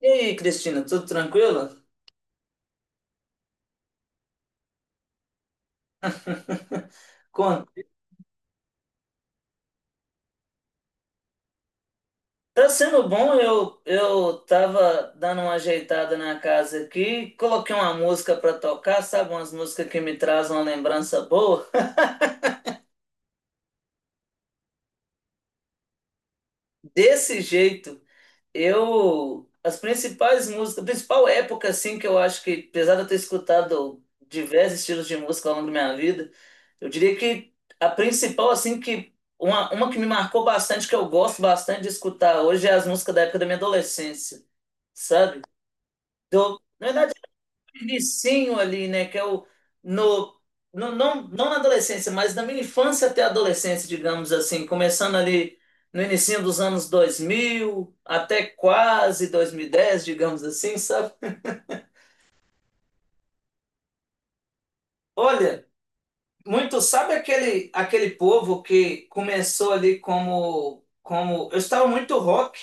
E aí, Cristina, tudo tranquilo? Conta. Tá sendo bom, eu tava dando uma ajeitada na casa aqui, coloquei uma música pra tocar, sabe? Umas músicas que me trazem uma lembrança boa. Desse jeito. Eu, as principais músicas, a principal época, assim, que eu acho que, apesar de eu ter escutado diversos estilos de música ao longo da minha vida, eu diria que a principal, assim, que uma que me marcou bastante, que eu gosto bastante de escutar hoje, é as músicas da época da minha adolescência, sabe? Do, na verdade, vicinho ali, né? Que é o no, no não, não na adolescência, mas na minha infância até a adolescência, digamos assim, começando ali no início dos anos 2000 até quase 2010, digamos assim, sabe? Olha, muito sabe aquele povo que começou ali como eu estava muito rock,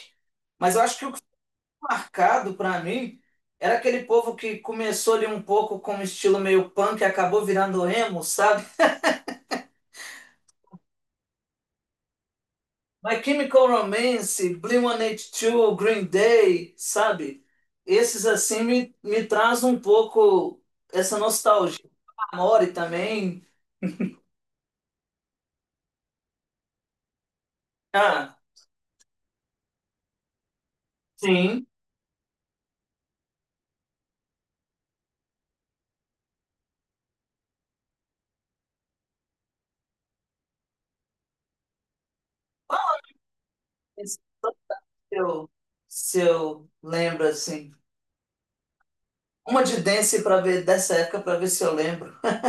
mas eu acho que o que foi marcado para mim era aquele povo que começou ali um pouco com um estilo meio punk e acabou virando emo, sabe? My Chemical Romance, blink One Two, Green Day, sabe? Esses assim me traz um pouco essa nostalgia. Amore também. Ah, sim. Esse é o que se eu lembro assim. Uma de dance para ver dessa época para ver se eu lembro.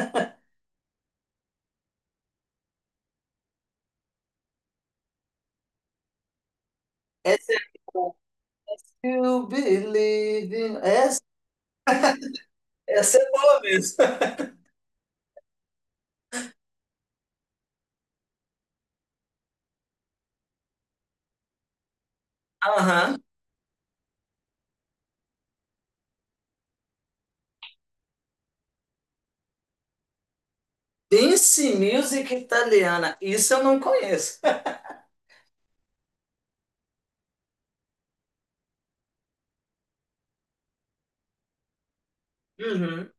Essa é You Believe. Essa, essa é boa mesmo. Aham. Dance Music Italiana. Isso eu não conheço. Uhum.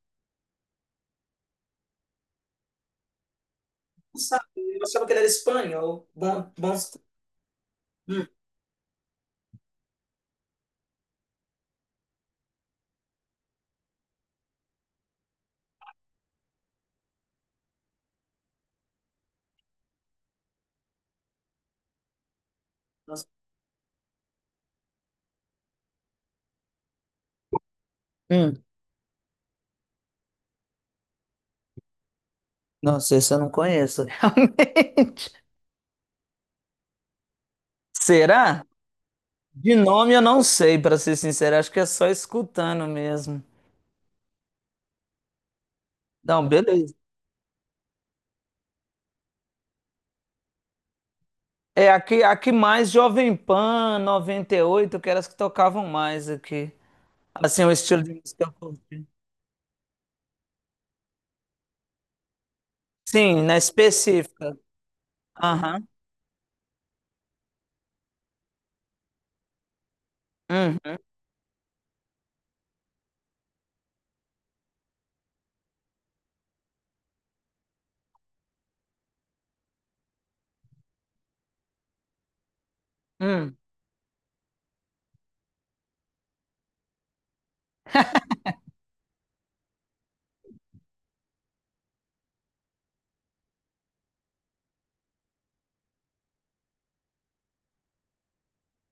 Sabe? Eu achava que ele era espanhol. Bom, bom. Hum, nossa. Hum, nossa, esse eu não conheço. Realmente. Será? De nome eu não sei, para ser sincero, acho que é só escutando mesmo. Não, beleza. É aqui, aqui mais Jovem Pan 98 que eram as que tocavam mais aqui. Assim, o estilo de música que eu curti. Sim, na específica. Aham. Hum, hum,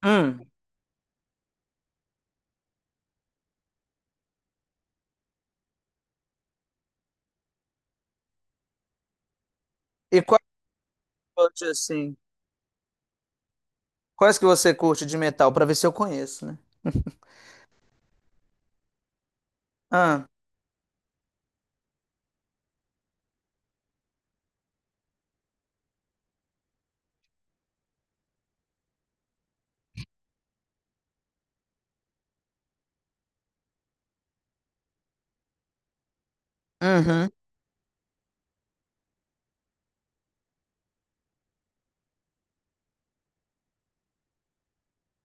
hum. E quais, outras, assim, quais que você curte de metal, para ver se eu conheço, né? Ah. Uhum.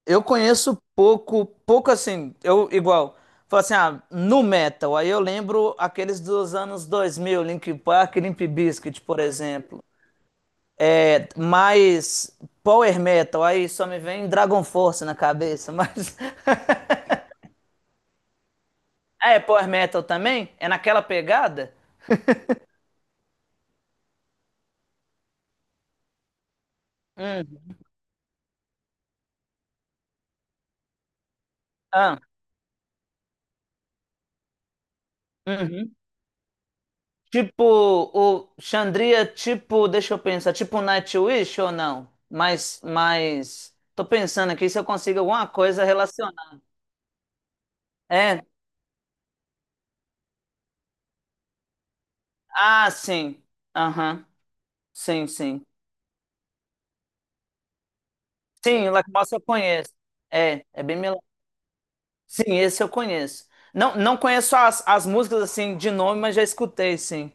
Eu conheço pouco, pouco assim, eu igual, falo assim, ah, nu metal, aí eu lembro aqueles dos anos 2000, Linkin Park, Limp Bizkit, por exemplo. É, mas power metal, aí só me vem Dragon Force na cabeça, mas... Ah, é power metal também? É naquela pegada? Hum. Ah, uhum. Tipo, o Xandria, tipo, deixa eu pensar, tipo Nightwish ou não? Tô pensando aqui se eu consigo alguma coisa relacionada. É, ah, sim, aham, sim, sim. Sim, o Lacrimosa eu conheço. É, é bem melódico. Sim, esse eu conheço. Não, não conheço as, as músicas, assim, de nome, mas já escutei, sim.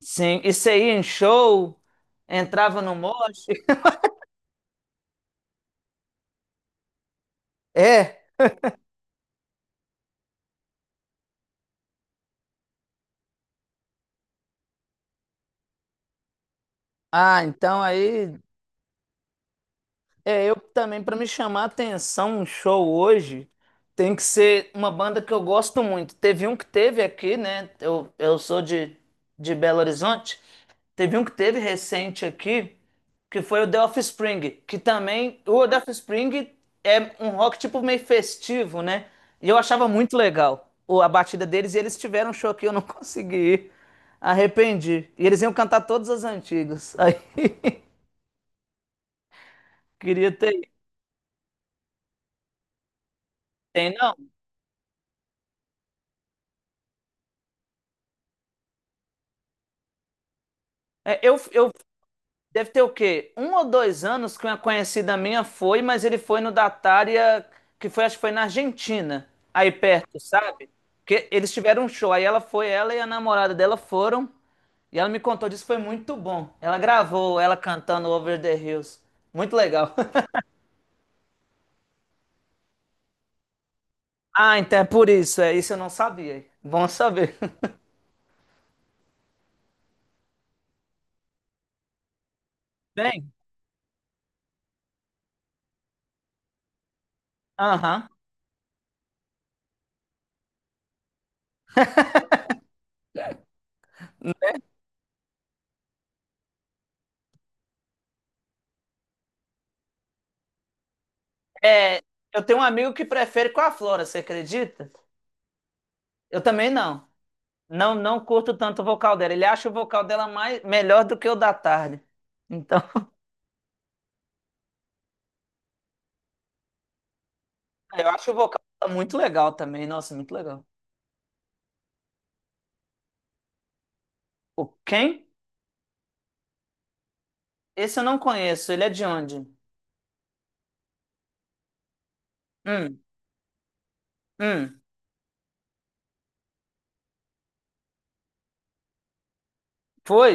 Sim, isso aí em show, entrava no mosh. É, ah, então aí. É, eu também, pra me chamar a atenção, um show hoje tem que ser uma banda que eu gosto muito. Teve um que teve aqui, né? Eu sou de Belo Horizonte. Teve um que teve recente aqui, que foi o The Offspring, que também. O The Offspring é um rock tipo meio festivo, né? E eu achava muito legal a batida deles, e eles tiveram um show aqui, eu não consegui ir. Arrependi. E eles iam cantar todas as antigas. Aí, queria ter ido. Tem não? É, eu deve ter o quê? Um ou dois anos que uma conhecida minha foi, mas ele foi no Datária, que foi, acho que foi na Argentina, aí perto, sabe? Que eles tiveram um show, aí ela foi, ela e a namorada dela foram, e ela me contou disso, foi muito bom. Ela gravou ela cantando Over the Hills. Muito legal. Ah, então é por isso, é isso eu não sabia. Bom saber. Bem, aham. É, eu tenho um amigo que prefere com a Flora, você acredita? Eu também não. Não, não curto tanto o vocal dela. Ele acha o vocal dela mais, melhor do que o da tarde. Então, eu acho o vocal dela muito legal também. Nossa, muito legal. O quem? Esse eu não conheço. Ele é de onde? Hum, hum. Foi?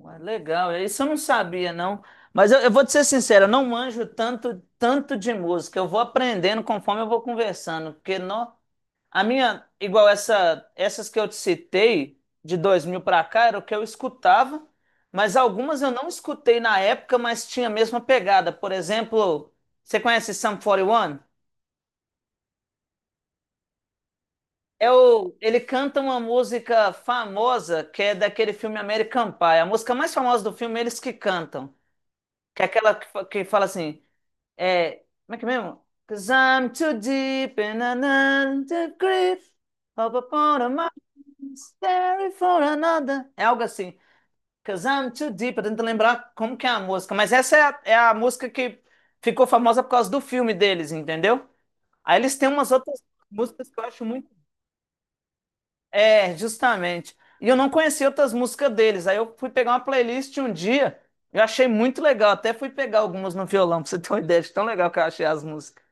Ué, legal. Isso eu não sabia, não. Mas eu vou te ser sincero, eu não manjo tanto, tanto de música. Eu vou aprendendo conforme eu vou conversando. Porque, não. A minha, igual essa, essas que eu te citei, de 2000 para cá, era o que eu escutava, mas algumas eu não escutei na época, mas tinha a mesma pegada. Por exemplo, você conhece Sum 41? É o, ele canta uma música famosa que é daquele filme American Pie. A música mais famosa do filme, é eles que cantam. Que é aquela que, que fala assim, é, como é que é mesmo? Cause I'm too deep in another grave. Sorry for another. É algo assim. Cause I'm too deep. Eu tô tentando lembrar como que é a música. Mas essa é é a música que ficou famosa por causa do filme deles, entendeu? Aí eles têm umas outras músicas que eu acho muito. É, justamente. E eu não conhecia outras músicas deles. Aí eu fui pegar uma playlist um dia. Eu achei muito legal. Até fui pegar algumas no violão, pra você ter uma ideia de tão legal que eu achei as músicas.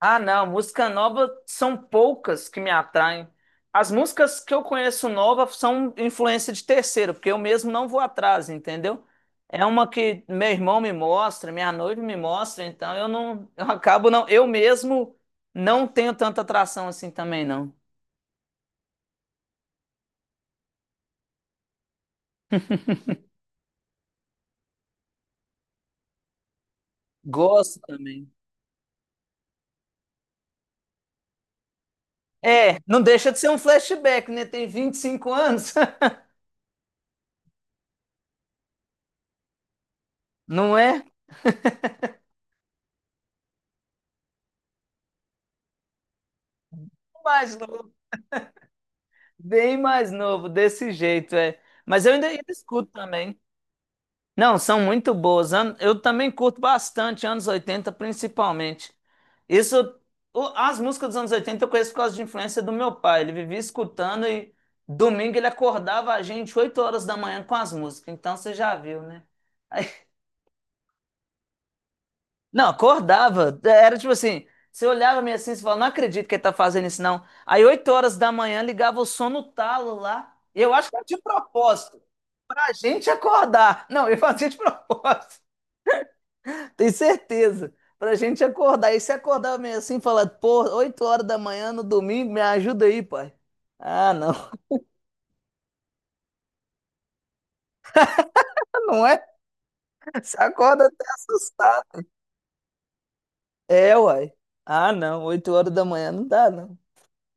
Ah, não, música nova são poucas que me atraem. As músicas que eu conheço nova são influência de terceiro, porque eu mesmo não vou atrás, entendeu? É uma que meu irmão me mostra, minha noiva me mostra, então eu não, eu acabo não, eu mesmo não tenho tanta atração assim também não. Gosto também. É, não deixa de ser um flashback, né? Tem 25 anos, não é? Mais novo, bem mais novo, desse jeito, é. Mas eu ainda, ainda escuto também. Não, são muito boas. Eu também curto bastante anos 80, principalmente. Isso, as músicas dos anos 80 eu conheço por causa de influência do meu pai. Ele vivia escutando e domingo ele acordava a gente 8 horas da manhã com as músicas. Então você já viu, né? Não, acordava. Era tipo assim, você olhava meio assim e falava, não acredito que ele tá fazendo isso, não. Aí 8 horas da manhã ligava o som no talo lá. Eu acho que era de propósito, pra gente acordar. Não, ele fazia de propósito. Tem certeza. Pra gente acordar. E se acordar meio assim, falar, pô, 8 horas da manhã no domingo, me ajuda aí, pai. Ah, não, não é? Você acorda até assustado. É, uai. Ah, não, 8 horas da manhã não dá, não.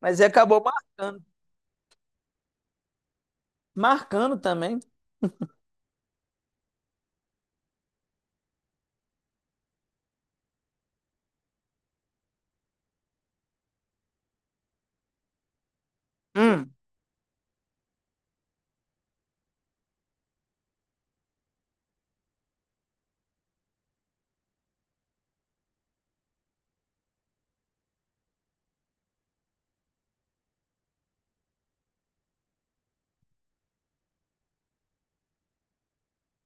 Mas aí acabou marcando. Marcando também. Hum,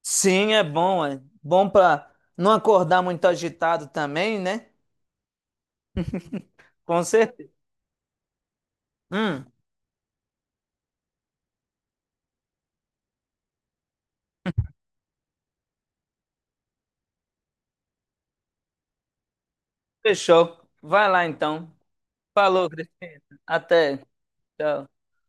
sim, é. Bom pra não acordar muito agitado também, né? Com certeza. Hum, fechou. Vai lá então. Falou, Cristina. Até. Tchau.